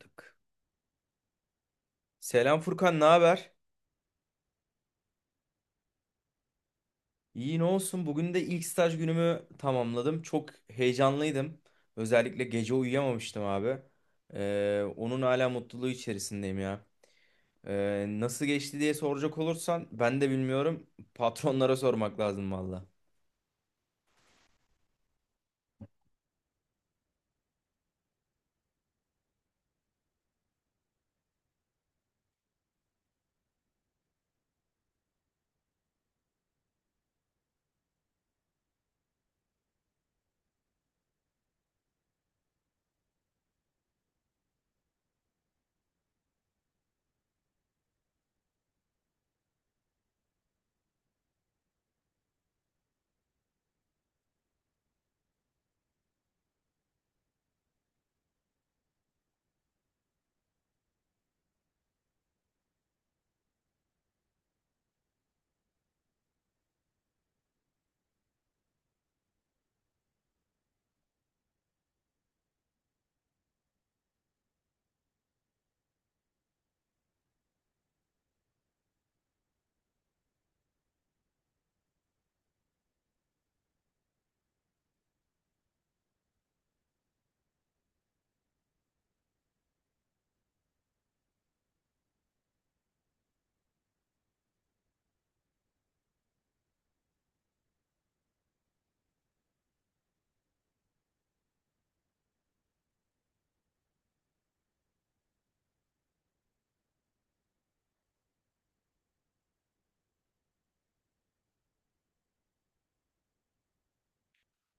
Yaptık. Selam Furkan, ne haber? İyi ne olsun. Bugün de ilk staj günümü tamamladım. Çok heyecanlıydım. Özellikle gece uyuyamamıştım abi. Onun hala mutluluğu içerisindeyim ya. Nasıl geçti diye soracak olursan ben de bilmiyorum. Patronlara sormak lazım valla.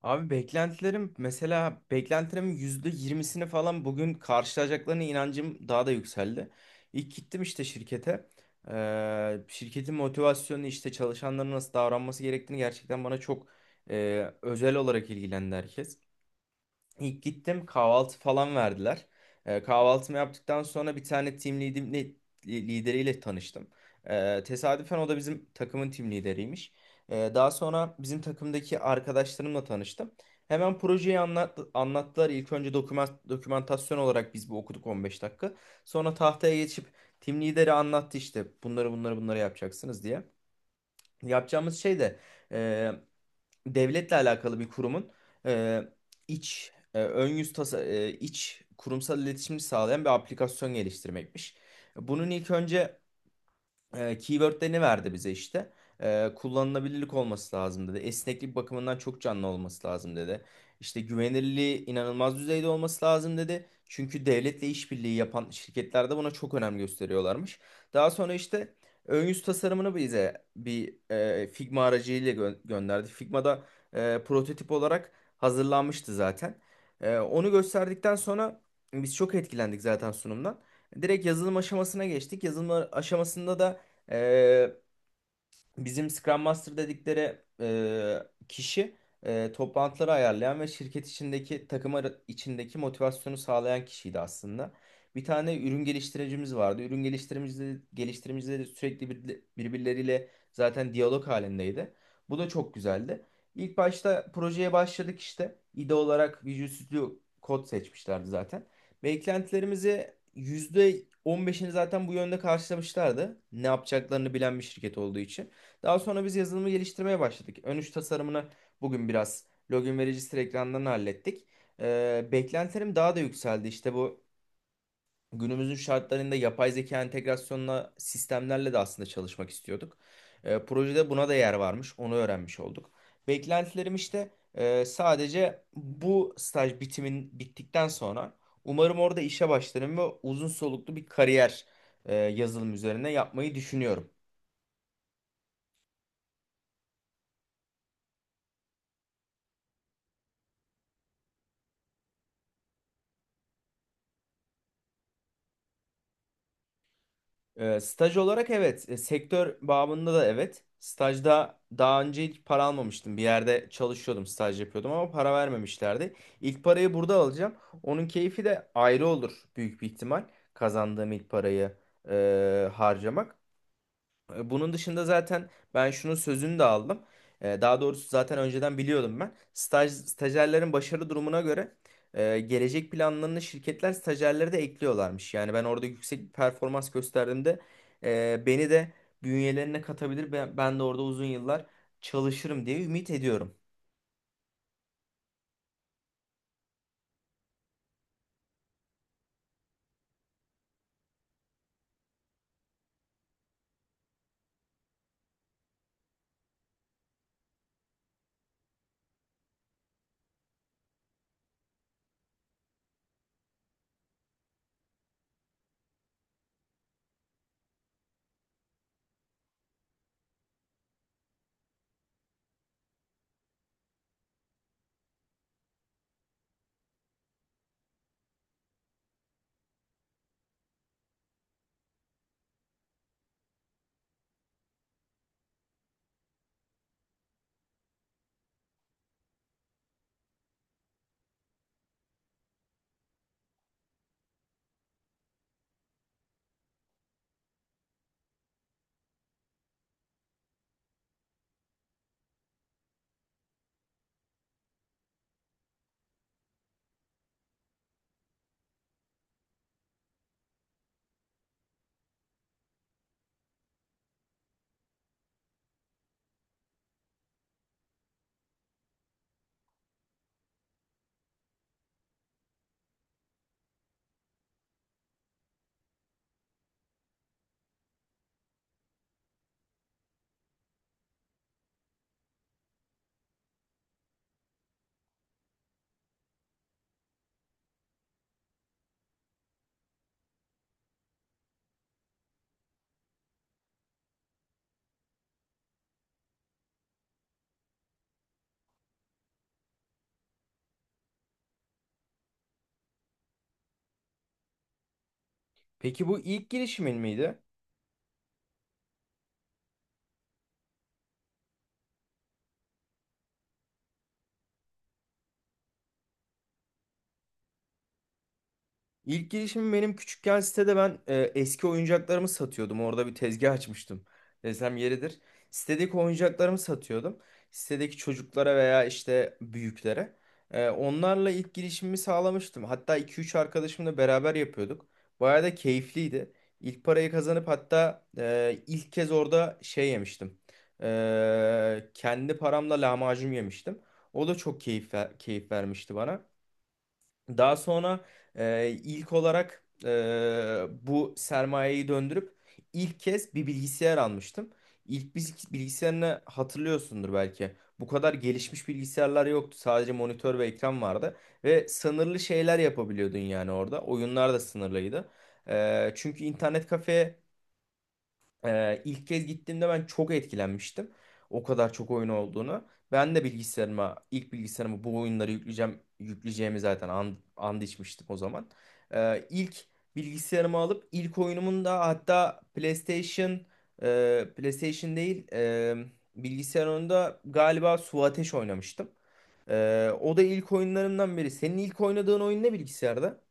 Abi beklentilerim, mesela beklentilerin %20'sini falan bugün karşılayacaklarına inancım daha da yükseldi. İlk gittim işte şirkete. Şirketin motivasyonu, işte çalışanların nasıl davranması gerektiğini gerçekten bana çok özel olarak ilgilendi herkes. İlk gittim, kahvaltı falan verdiler. Kahvaltımı yaptıktan sonra bir tane lideriyle tanıştım. Tesadüfen o da bizim takımın team lideriymiş. Daha sonra bizim takımdaki arkadaşlarımla tanıştım. Hemen projeyi anlattılar. İlk önce dokümantasyon olarak biz bu okuduk 15 dakika. Sonra tahtaya geçip team lideri anlattı, işte bunları bunları bunları yapacaksınız diye. Yapacağımız şey de devletle alakalı bir kurumun e, iç e, ön yüz tasa, e, iç kurumsal iletişimi sağlayan bir aplikasyon geliştirmekmiş. Bunun ilk önce keywordlerini verdi bize işte. Kullanılabilirlik olması lazım dedi. Esneklik bakımından çok canlı olması lazım dedi. İşte güvenilirliği inanılmaz düzeyde olması lazım dedi. Çünkü devletle işbirliği yapan şirketler de buna çok önem gösteriyorlarmış. Daha sonra işte ön yüz tasarımını bize bir Figma aracıyla gönderdi. Figma'da prototip olarak hazırlanmıştı zaten. Onu gösterdikten sonra biz çok etkilendik zaten sunumdan. Direkt yazılım aşamasına geçtik. Yazılım aşamasında da ee, bizim Scrum Master dedikleri kişi, toplantıları ayarlayan ve şirket içindeki içindeki motivasyonu sağlayan kişiydi aslında. Bir tane ürün geliştiricimiz vardı. Ürün geliştiricimizle de sürekli birbirleriyle zaten diyalog halindeydi. Bu da çok güzeldi. İlk başta projeye başladık işte. İde olarak Visual Studio Code seçmişlerdi zaten. Beklentilerimizi %15'ini zaten bu yönde karşılamışlardı. Ne yapacaklarını bilen bir şirket olduğu için. Daha sonra biz yazılımı geliştirmeye başladık. Ön üç tasarımını bugün biraz login ve register ekranından hallettik. Beklentilerim daha da yükseldi. İşte bu günümüzün şartlarında yapay zeka entegrasyonla sistemlerle de aslında çalışmak istiyorduk. Projede buna da yer varmış. Onu öğrenmiş olduk. Beklentilerim işte, sadece bu staj bitimin bittikten sonra umarım orada işe başlarım ve uzun soluklu bir kariyer yazılım üzerine yapmayı düşünüyorum. Staj olarak evet. Sektör bağımında da evet. Stajda daha önce hiç para almamıştım. Bir yerde çalışıyordum, staj yapıyordum ama para vermemişlerdi. İlk parayı burada alacağım. Onun keyfi de ayrı olur büyük bir ihtimal. Kazandığım ilk parayı harcamak. Bunun dışında zaten ben şunun sözünü de aldım. Daha doğrusu zaten önceden biliyordum ben. Stajyerlerin başarı durumuna göre gelecek planlarını şirketler stajyerlere de ekliyorlarmış. Yani ben orada yüksek bir performans gösterdiğimde beni de bünyelerine katabilir. Ben de orada uzun yıllar çalışırım diye ümit ediyorum. Peki bu ilk girişimin miydi? İlk girişim benim küçükken sitede ben eski oyuncaklarımı satıyordum. Orada bir tezgah açmıştım. Desem yeridir. Sitedeki oyuncaklarımı satıyordum. Sitedeki çocuklara veya işte büyüklere. Onlarla ilk girişimimi sağlamıştım. Hatta iki üç arkadaşımla beraber yapıyorduk. Bayağı da keyifliydi. İlk parayı kazanıp hatta ilk kez orada şey yemiştim. Kendi paramla lahmacun yemiştim. O da çok keyif vermişti bana. Daha sonra ilk olarak bu sermayeyi döndürüp ilk kez bir bilgisayar almıştım. İlk bilgisayarını hatırlıyorsundur belki. Bu kadar gelişmiş bilgisayarlar yoktu. Sadece monitör ve ekran vardı. Ve sınırlı şeyler yapabiliyordun yani orada. Oyunlar da sınırlıydı. Çünkü internet kafeye ilk kez gittiğimde ben çok etkilenmiştim. O kadar çok oyun olduğunu. Ben de bilgisayarıma, ilk bilgisayarıma bu oyunları yükleyeceğimi zaten and içmiştim o zaman. İlk bilgisayarımı alıp ilk oyunumun da hatta PlayStation, e, PlayStation değil, e, bilgisayar oyununda galiba Su Ateş oynamıştım. O da ilk oyunlarımdan biri. Senin ilk oynadığın oyun ne bilgisayarda?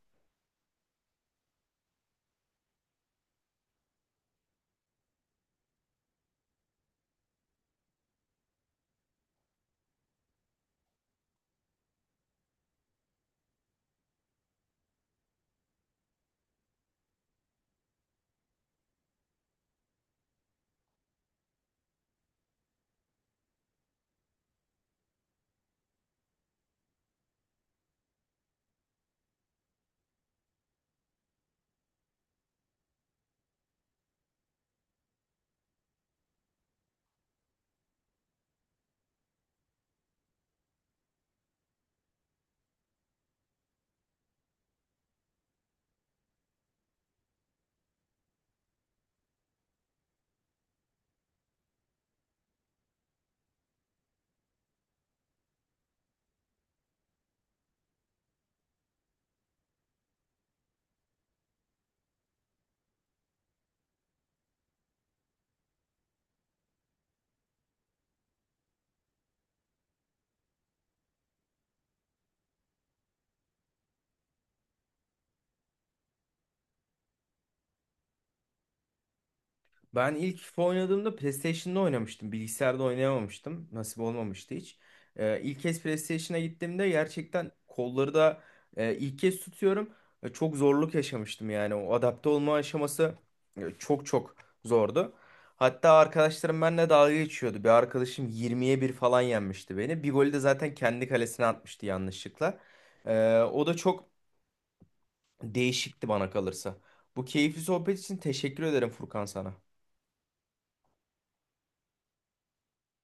Ben ilk oynadığımda PlayStation'da oynamıştım. Bilgisayarda oynayamamıştım. Nasip olmamıştı hiç. İlk kez PlayStation'a gittiğimde gerçekten kolları da ilk kez tutuyorum. Çok zorluk yaşamıştım yani. O adapte olma aşaması çok zordu. Hatta arkadaşlarım benimle dalga geçiyordu. Bir arkadaşım 20-1 falan yenmişti beni. Bir golü de zaten kendi kalesine atmıştı yanlışlıkla. O da çok değişikti bana kalırsa. Bu keyifli sohbet için teşekkür ederim Furkan sana.